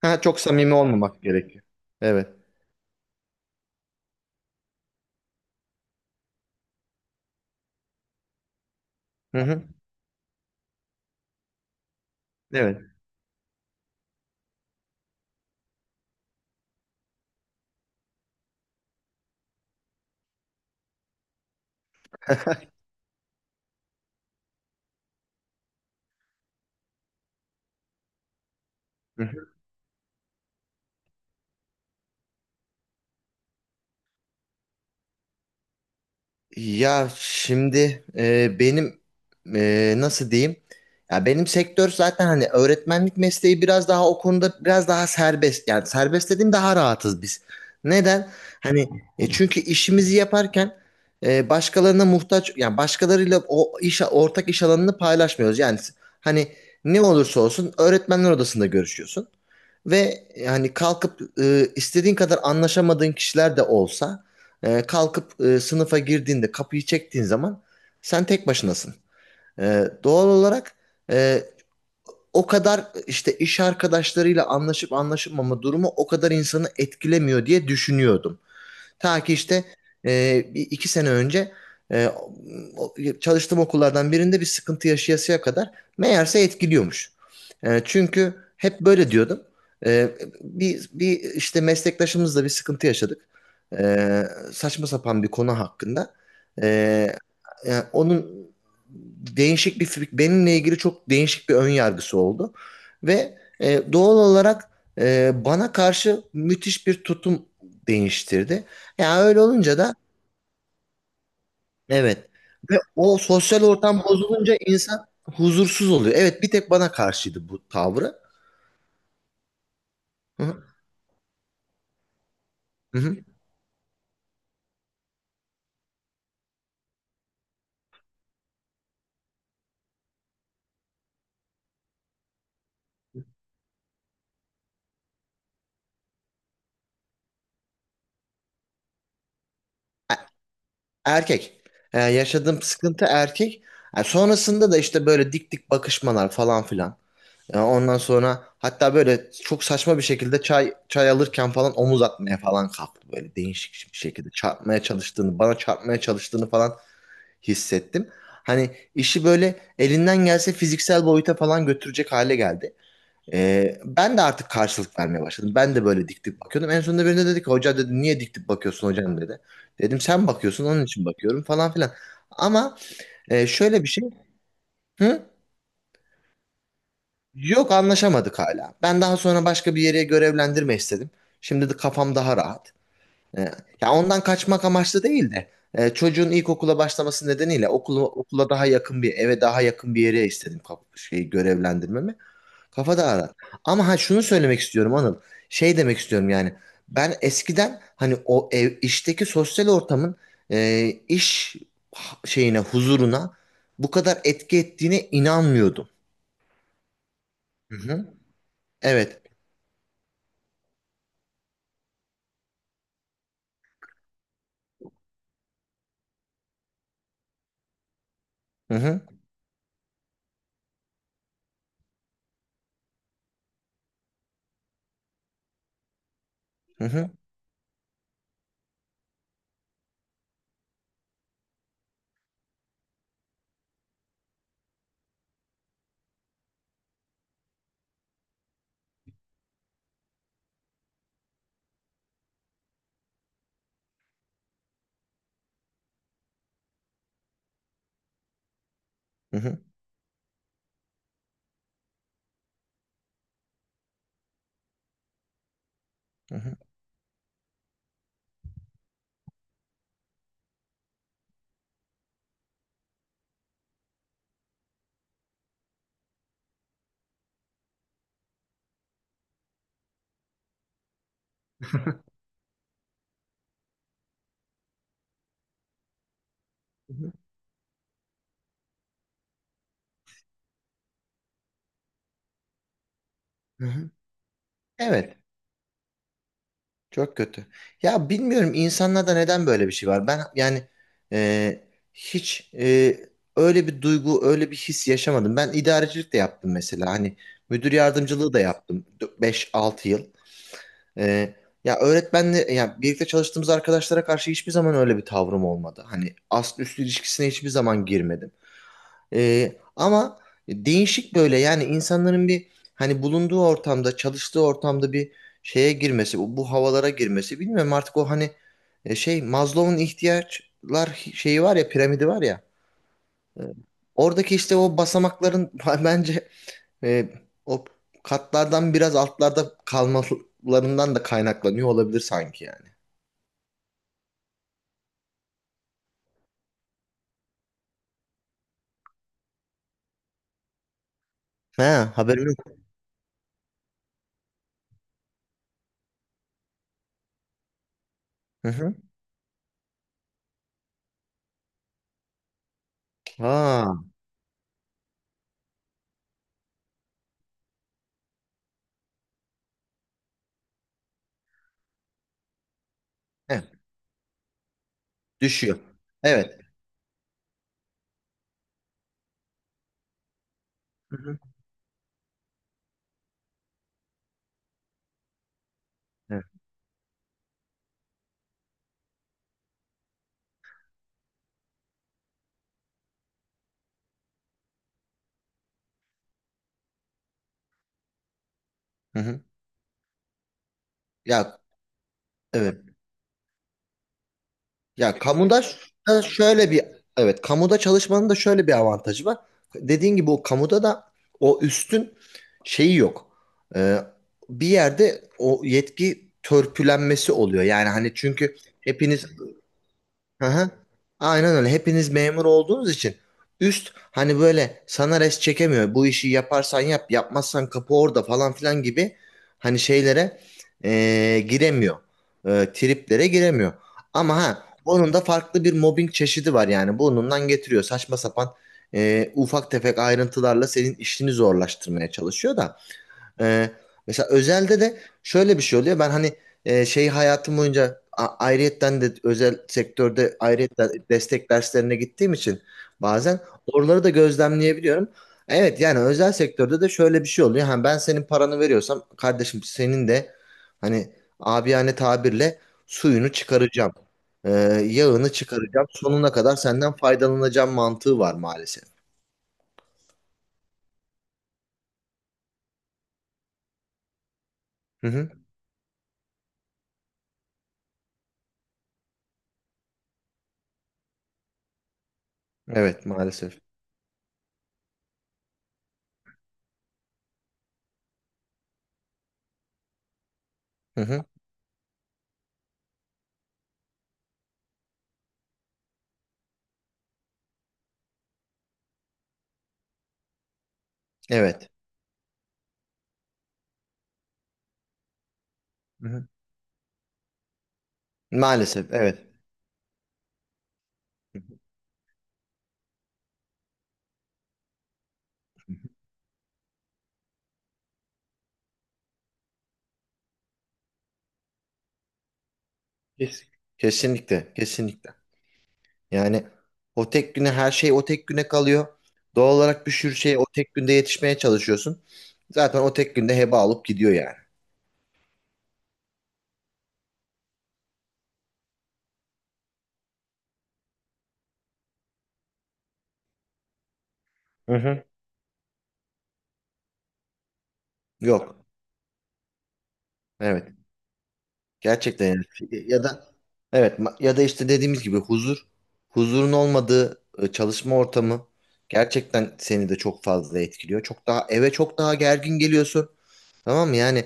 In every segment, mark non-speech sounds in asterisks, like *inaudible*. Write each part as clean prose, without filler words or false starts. Ha, çok samimi olmamak gerekiyor. Evet. Hı hı. Evet. *laughs* Hı hı. Benim nasıl diyeyim? Ya benim sektör zaten hani öğretmenlik mesleği biraz daha o konuda biraz daha serbest. Yani serbest dediğim daha rahatız biz. Neden? Hani çünkü işimizi yaparken başkalarına muhtaç yani başkalarıyla o iş ortak iş alanını paylaşmıyoruz. Yani hani ne olursa olsun öğretmenler odasında görüşüyorsun. Ve yani kalkıp istediğin kadar anlaşamadığın kişiler de olsa kalkıp sınıfa girdiğinde kapıyı çektiğin zaman sen tek başınasın. E, doğal olarak e, o kadar işte iş arkadaşlarıyla anlaşıp anlaşılmama durumu o kadar insanı etkilemiyor diye düşünüyordum. Ta ki işte iki sene önce e, o- çalıştığım okullardan birinde bir sıkıntı yaşayasıya kadar meğerse etkiliyormuş. E, çünkü hep böyle diyordum. E, bir işte meslektaşımızla bir sıkıntı yaşadık. E, saçma sapan bir konu hakkında. E, yani onun değişik bir benimle ilgili çok değişik bir ön yargısı oldu ve doğal olarak bana karşı müthiş bir tutum değiştirdi. Yani öyle olunca da evet ve o sosyal ortam bozulunca insan huzursuz oluyor. Evet bir tek bana karşıydı bu tavrı. Hı hı. Hı hı. E- Erkek. E, yaşadığım sıkıntı erkek. E, sonrasında da işte böyle dik dik bakışmalar falan filan. Ya ondan sonra hatta böyle çok saçma bir şekilde çay alırken falan omuz atmaya falan kalktı böyle değişik bir şekilde bana çarpmaya çalıştığını falan hissettim. Hani işi böyle elinden gelse fiziksel boyuta falan götürecek hale geldi. Ben de artık karşılık vermeye başladım. Ben de böyle dik dik bakıyordum. En sonunda birine dedi ki hoca dedi niye dik dik bakıyorsun hocam dedi. Dedim sen bakıyorsun onun için bakıyorum falan filan. Ama şöyle bir şey. Hı? Yok, anlaşamadık hala. Ben daha sonra başka bir yere görevlendirme istedim. Şimdi de kafam daha rahat. Ee, ya ondan kaçmak amaçlı değil de çocuğun ilkokula başlaması nedeniyle okula daha yakın bir daha yakın bir yere istedim şeyi görevlendirmemi. Kafa daha rahat. Ama ha şunu söylemek istiyorum Anıl. Şey demek istiyorum yani. Ben eskiden hani o işteki sosyal ortamın e, iş şeyine huzuruna bu kadar etki ettiğine inanmıyordum. Hı hı. Evet. Hı hı. Hı hı, hı hı, hı hı, hı hı. Hı hı. Evet, çok kötü. Ya bilmiyorum insanlarda neden böyle bir şey var. Ben yani e, hiç öyle bir duygu, öyle bir his yaşamadım. Ben idarecilik de yaptım mesela. Hani müdür yardımcılığı da yaptım 5-6 yıl. E, ya öğretmenle ya birlikte çalıştığımız arkadaşlara karşı hiçbir zaman öyle bir tavrım olmadı. Hani ast üst ilişkisine hiçbir zaman girmedim. Ama değişik böyle yani insanların bir hani bulunduğu ortamda, çalıştığı ortamda bir şeye girmesi, bu havalara girmesi bilmiyorum artık o hani şey Maslow'un ihtiyaçlar şeyi var ya, piramidi var ya. e, Oradaki işte o basamakların *laughs* bence e, o katlardan biraz altlarda kalmalarından da kaynaklanıyor olabilir sanki yani. Ha, haberim yok. Hı hı. Ha, he, düşüyor. Evet. Hı hı. Evet. Hı hı. Ya evet. Ya kamuda ş- da şöyle bir evet kamuda çalışmanın da şöyle bir avantajı var. Dediğin gibi o kamuda da o üstün şeyi yok. Ee, bir yerde o yetki törpülenmesi oluyor. Yani hani çünkü hepiniz. Hı hı. Aynen öyle. Hepiniz memur olduğunuz için üst hani böyle sana res çekemiyor. Bu işi yaparsan yap, yapmazsan kapı orada falan filan gibi hani şeylere giremiyor. Triplere giremiyor. Ama ha onun da farklı bir mobbing çeşidi var yani. Burnundan getiriyor. Saçma sapan ufak tefek ayrıntılarla senin işini zorlaştırmaya çalışıyor da. Ee, mesela özelde de şöyle bir şey oluyor. Ben hani hayatım boyunca ayrıyetten de özel sektörde ayrıyetten destek derslerine gittiğim için bazen oraları da gözlemleyebiliyorum. Evet yani özel sektörde de şöyle bir şey oluyor. Hani ben senin paranı veriyorsam kardeşim senin de hani abiyane tabirle suyunu çıkaracağım. Ee, yağını çıkaracağım. Sonuna kadar senden faydalanacağım mantığı var maalesef. Hı hı. Evet, maalesef. Hı hı. Evet. Hı hı. Maalesef evet. Kes- Kesinlikle, kesinlikle. Yani o tek güne her şey o tek güne kalıyor. Doğal olarak bir sürü şey o tek günde yetişmeye çalışıyorsun. Zaten o tek günde heba alıp gidiyor yani. Hı hı. Yok. Evet. Gerçekten yani. Ya da ya da işte dediğimiz gibi huzurun olmadığı çalışma ortamı gerçekten seni de çok fazla etkiliyor. Çok daha eve çok daha gergin geliyorsun. Tamam mı? Yani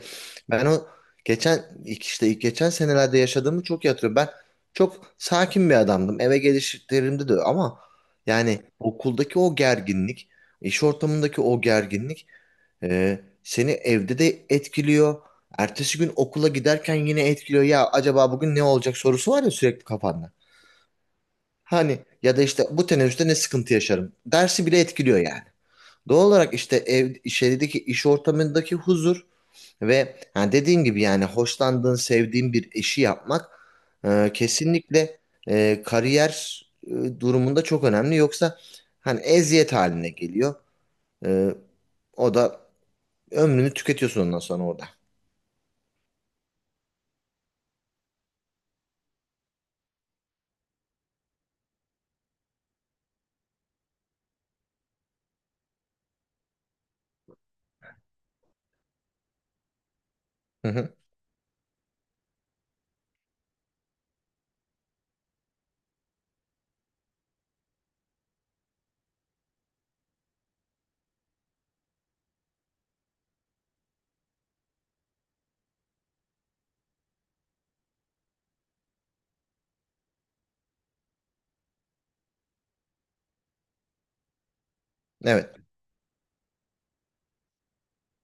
ben o geçen işte geçen senelerde yaşadığımı çok iyi hatırlıyorum. Ben çok sakin bir adamdım. Eve gelişlerimde de öyle. Ama yani okuldaki o gerginlik, iş ortamındaki o gerginlik seni evde de etkiliyor. Ertesi gün okula giderken yine etkiliyor. Ya acaba bugün ne olacak sorusu var ya sürekli kafanda. Hani ya da işte bu teneffüste ne sıkıntı yaşarım. Dersi bile etkiliyor yani. Doğal olarak işte şeydeki iş ortamındaki huzur ve ha dediğin gibi yani hoşlandığın, sevdiğin bir işi yapmak kesinlikle kariyer durumunda çok önemli. Yoksa hani eziyet haline geliyor. E, o da ömrünü tüketiyorsun ondan sonra orada. Hı hı. Evet.